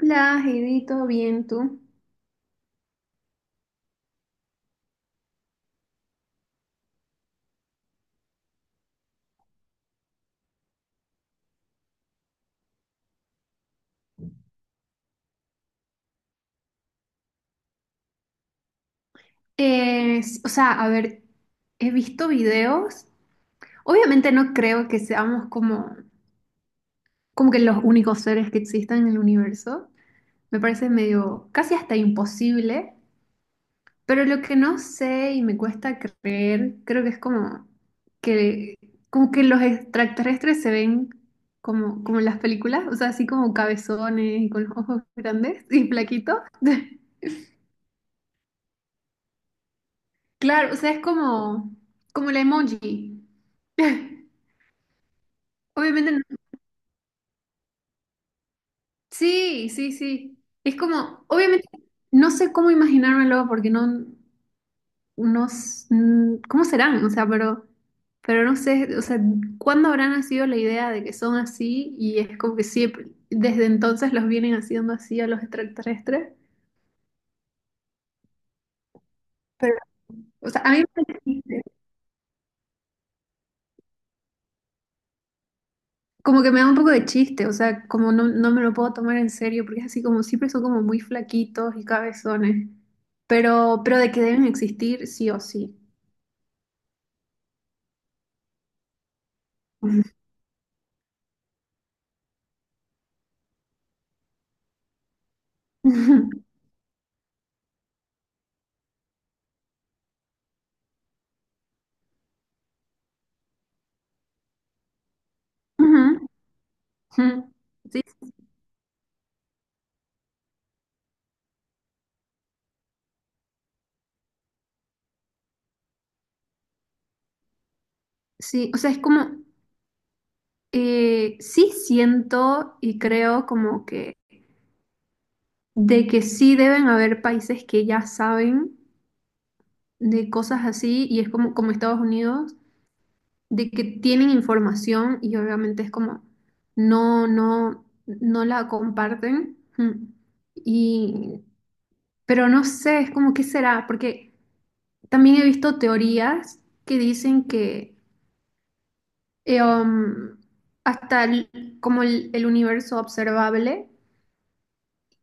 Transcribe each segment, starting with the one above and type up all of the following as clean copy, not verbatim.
Hola, Heidi, ¿todo bien tú? O sea, a ver, he visto videos. Obviamente no creo que seamos como, como que los únicos seres que existan en el universo. Me parece medio, casi hasta imposible. Pero lo que no sé y me cuesta creer, creo que es como que, como que los extraterrestres se ven como, como en las películas. O sea, así como cabezones y con los ojos grandes y plaquitos. Claro, o sea, es como, como el emoji. Obviamente, sí, sí, sí. Es como, obviamente, no sé cómo imaginármelo porque no, ¿cómo serán? O sea, pero no sé, o sea, ¿cuándo habrá nacido la idea de que son así? Y es como que siempre, desde entonces los vienen haciendo así a los extraterrestres. Pero, o sea, a mí me parece, como que me da un poco de chiste, o sea, como no, no me lo puedo tomar en serio, porque es así como siempre son como muy flaquitos y cabezones, pero de que deben existir sí o sí. Ujú, ujú. Sí, sí, o sea, es como, sí siento y creo como que de que sí deben haber países que ya saben de cosas así y es como, como Estados Unidos, de que tienen información y obviamente es como no, no, no la comparten. Mm. Y, pero no sé, es como qué será, porque también he visto teorías que dicen que eh, um, hasta como el universo observable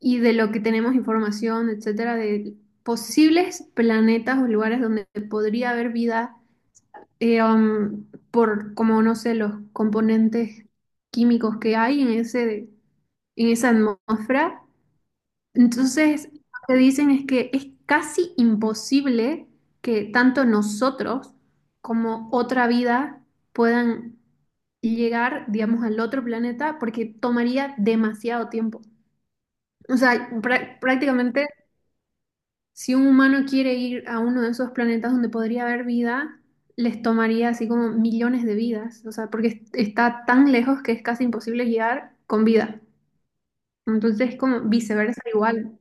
y de lo que tenemos información, etcétera, de posibles planetas o lugares donde podría haber vida, eh, um, por como no sé, los componentes químicos que hay en en esa atmósfera. Entonces, lo que dicen es que es casi imposible que tanto nosotros como otra vida puedan llegar, digamos, al otro planeta porque tomaría demasiado tiempo. O sea, prácticamente si un humano quiere ir a uno de esos planetas donde podría haber vida, les tomaría así como millones de vidas, o sea, porque está tan lejos que es casi imposible llegar con vida. Entonces, como viceversa igual.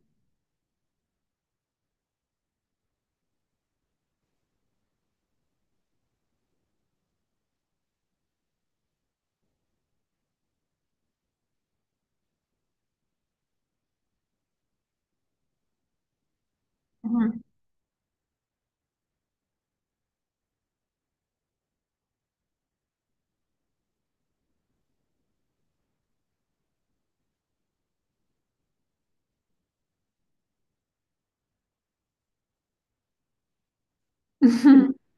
Ujú.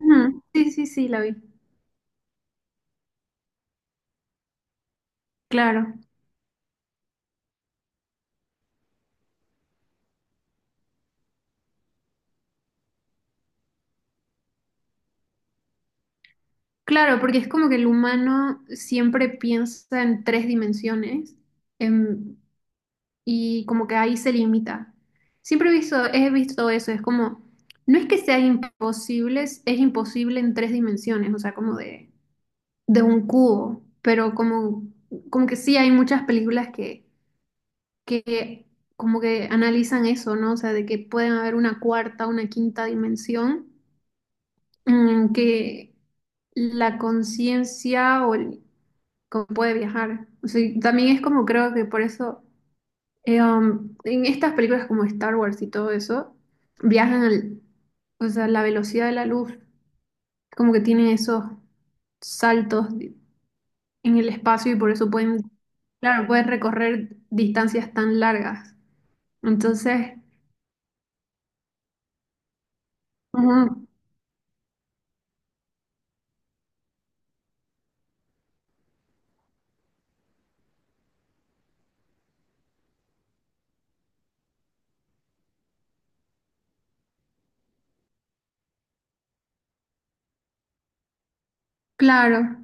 Ujú. Sí, sí, sí, la vi. Claro, claro, porque es como que el humano siempre piensa en tres dimensiones, y como que ahí se limita. Siempre he visto eso, es como, no es que sea imposibles, es imposible en tres dimensiones, o sea, como de un cubo, pero como, como que sí hay muchas películas que como que analizan eso, ¿no? O sea, de que pueden haber una cuarta, una quinta dimensión, mm, que la conciencia o como puede viajar. O sea, y también es como creo que por eso. En estas películas como Star Wars y todo eso, viajan al, o sea, la velocidad de la luz, como que tienen esos saltos di- en el espacio y por eso pueden, claro, pueden recorrer distancias tan largas. Entonces, ujú, claro,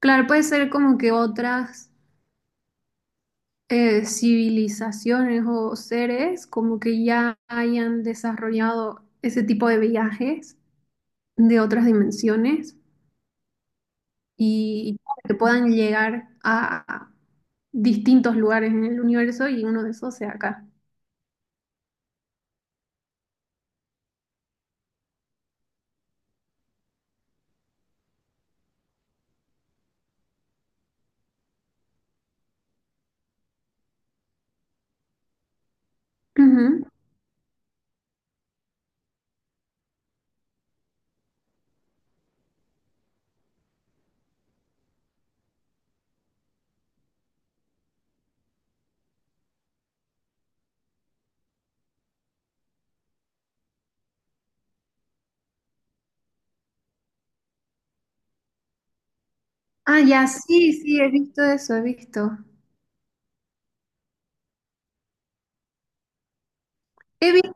claro, puede ser como que otras civilizaciones o seres como que ya hayan desarrollado ese tipo de viajes de otras dimensiones, y que puedan llegar a distintos lugares en el universo y uno de esos sea acá. Ujú. Ah, ya, sí, sí, he visto eso, he visto. He visto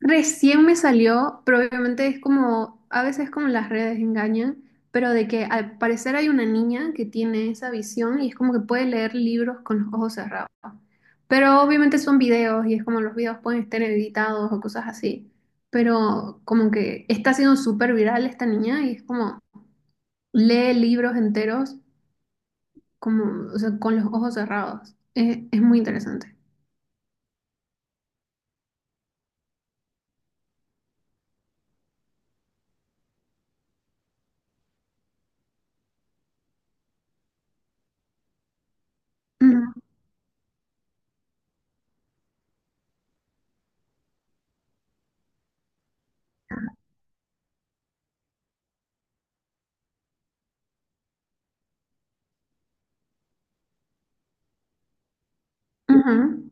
recién me salió, pero obviamente es como, a veces como las redes engañan, pero de que al parecer hay una niña que tiene esa visión y es como que puede leer libros con los ojos cerrados. Pero obviamente son videos y es como los videos pueden estar editados o cosas así. Pero como que está siendo súper viral esta niña y es como lee libros enteros como, o sea, con los ojos cerrados. Es muy interesante. Ujú, ujú.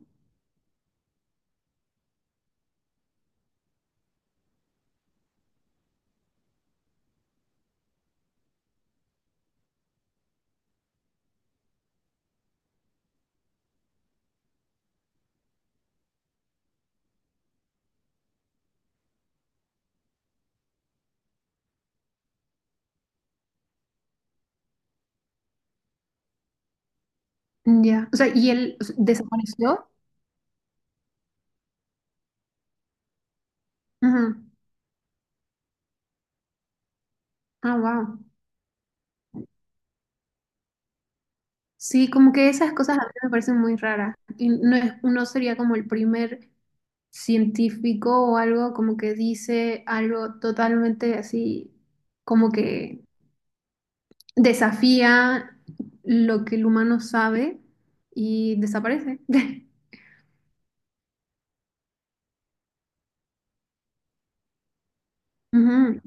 Ya. O sea, y él o sea, desapareció. Ujú. Ah, wow. Sí, como que esas cosas a mí me parecen muy raras. Y no es, no sería como el primer científico o algo como que dice algo totalmente así, como que desafía lo que el humano sabe y desaparece. Ujú.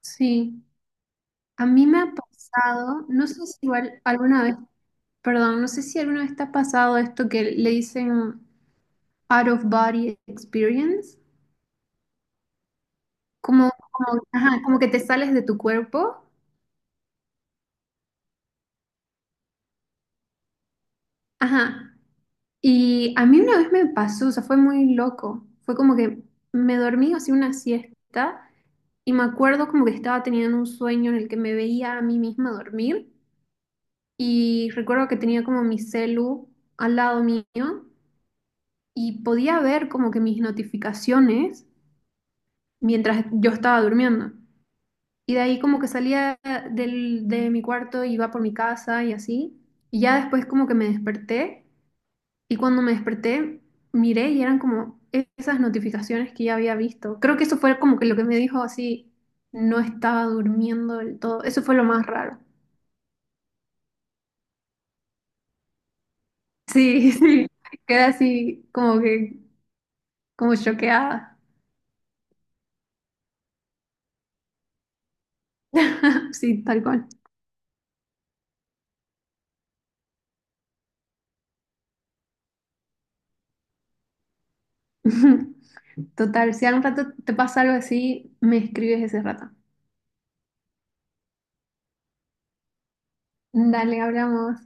Sí, a mí me ha pasado, no sé si igual alguna vez, perdón, no sé si alguna vez te ha pasado esto que le dicen out of body experience. Como, como, ajá, como que te sales de tu cuerpo. Ajá. Y a mí una vez me pasó, o sea, fue muy loco. Fue como que me dormí, hacía una siesta y me acuerdo como que estaba teniendo un sueño en el que me veía a mí misma dormir y recuerdo que tenía como mi celu al lado mío y podía ver como que mis notificaciones mientras yo estaba durmiendo. Y de ahí como que salía de mi cuarto, iba por mi casa y así. Y ya después como que me desperté. Y cuando me desperté, miré y eran como esas notificaciones que ya había visto. Creo que eso fue como que lo que me dijo así, no estaba durmiendo del todo. Eso fue lo más raro. Sí, sí, quedé así como que, como choqueada. Sí, tal cual. Total, si algún rato te pasa algo así, me escribes ese rato. Dale, hablamos.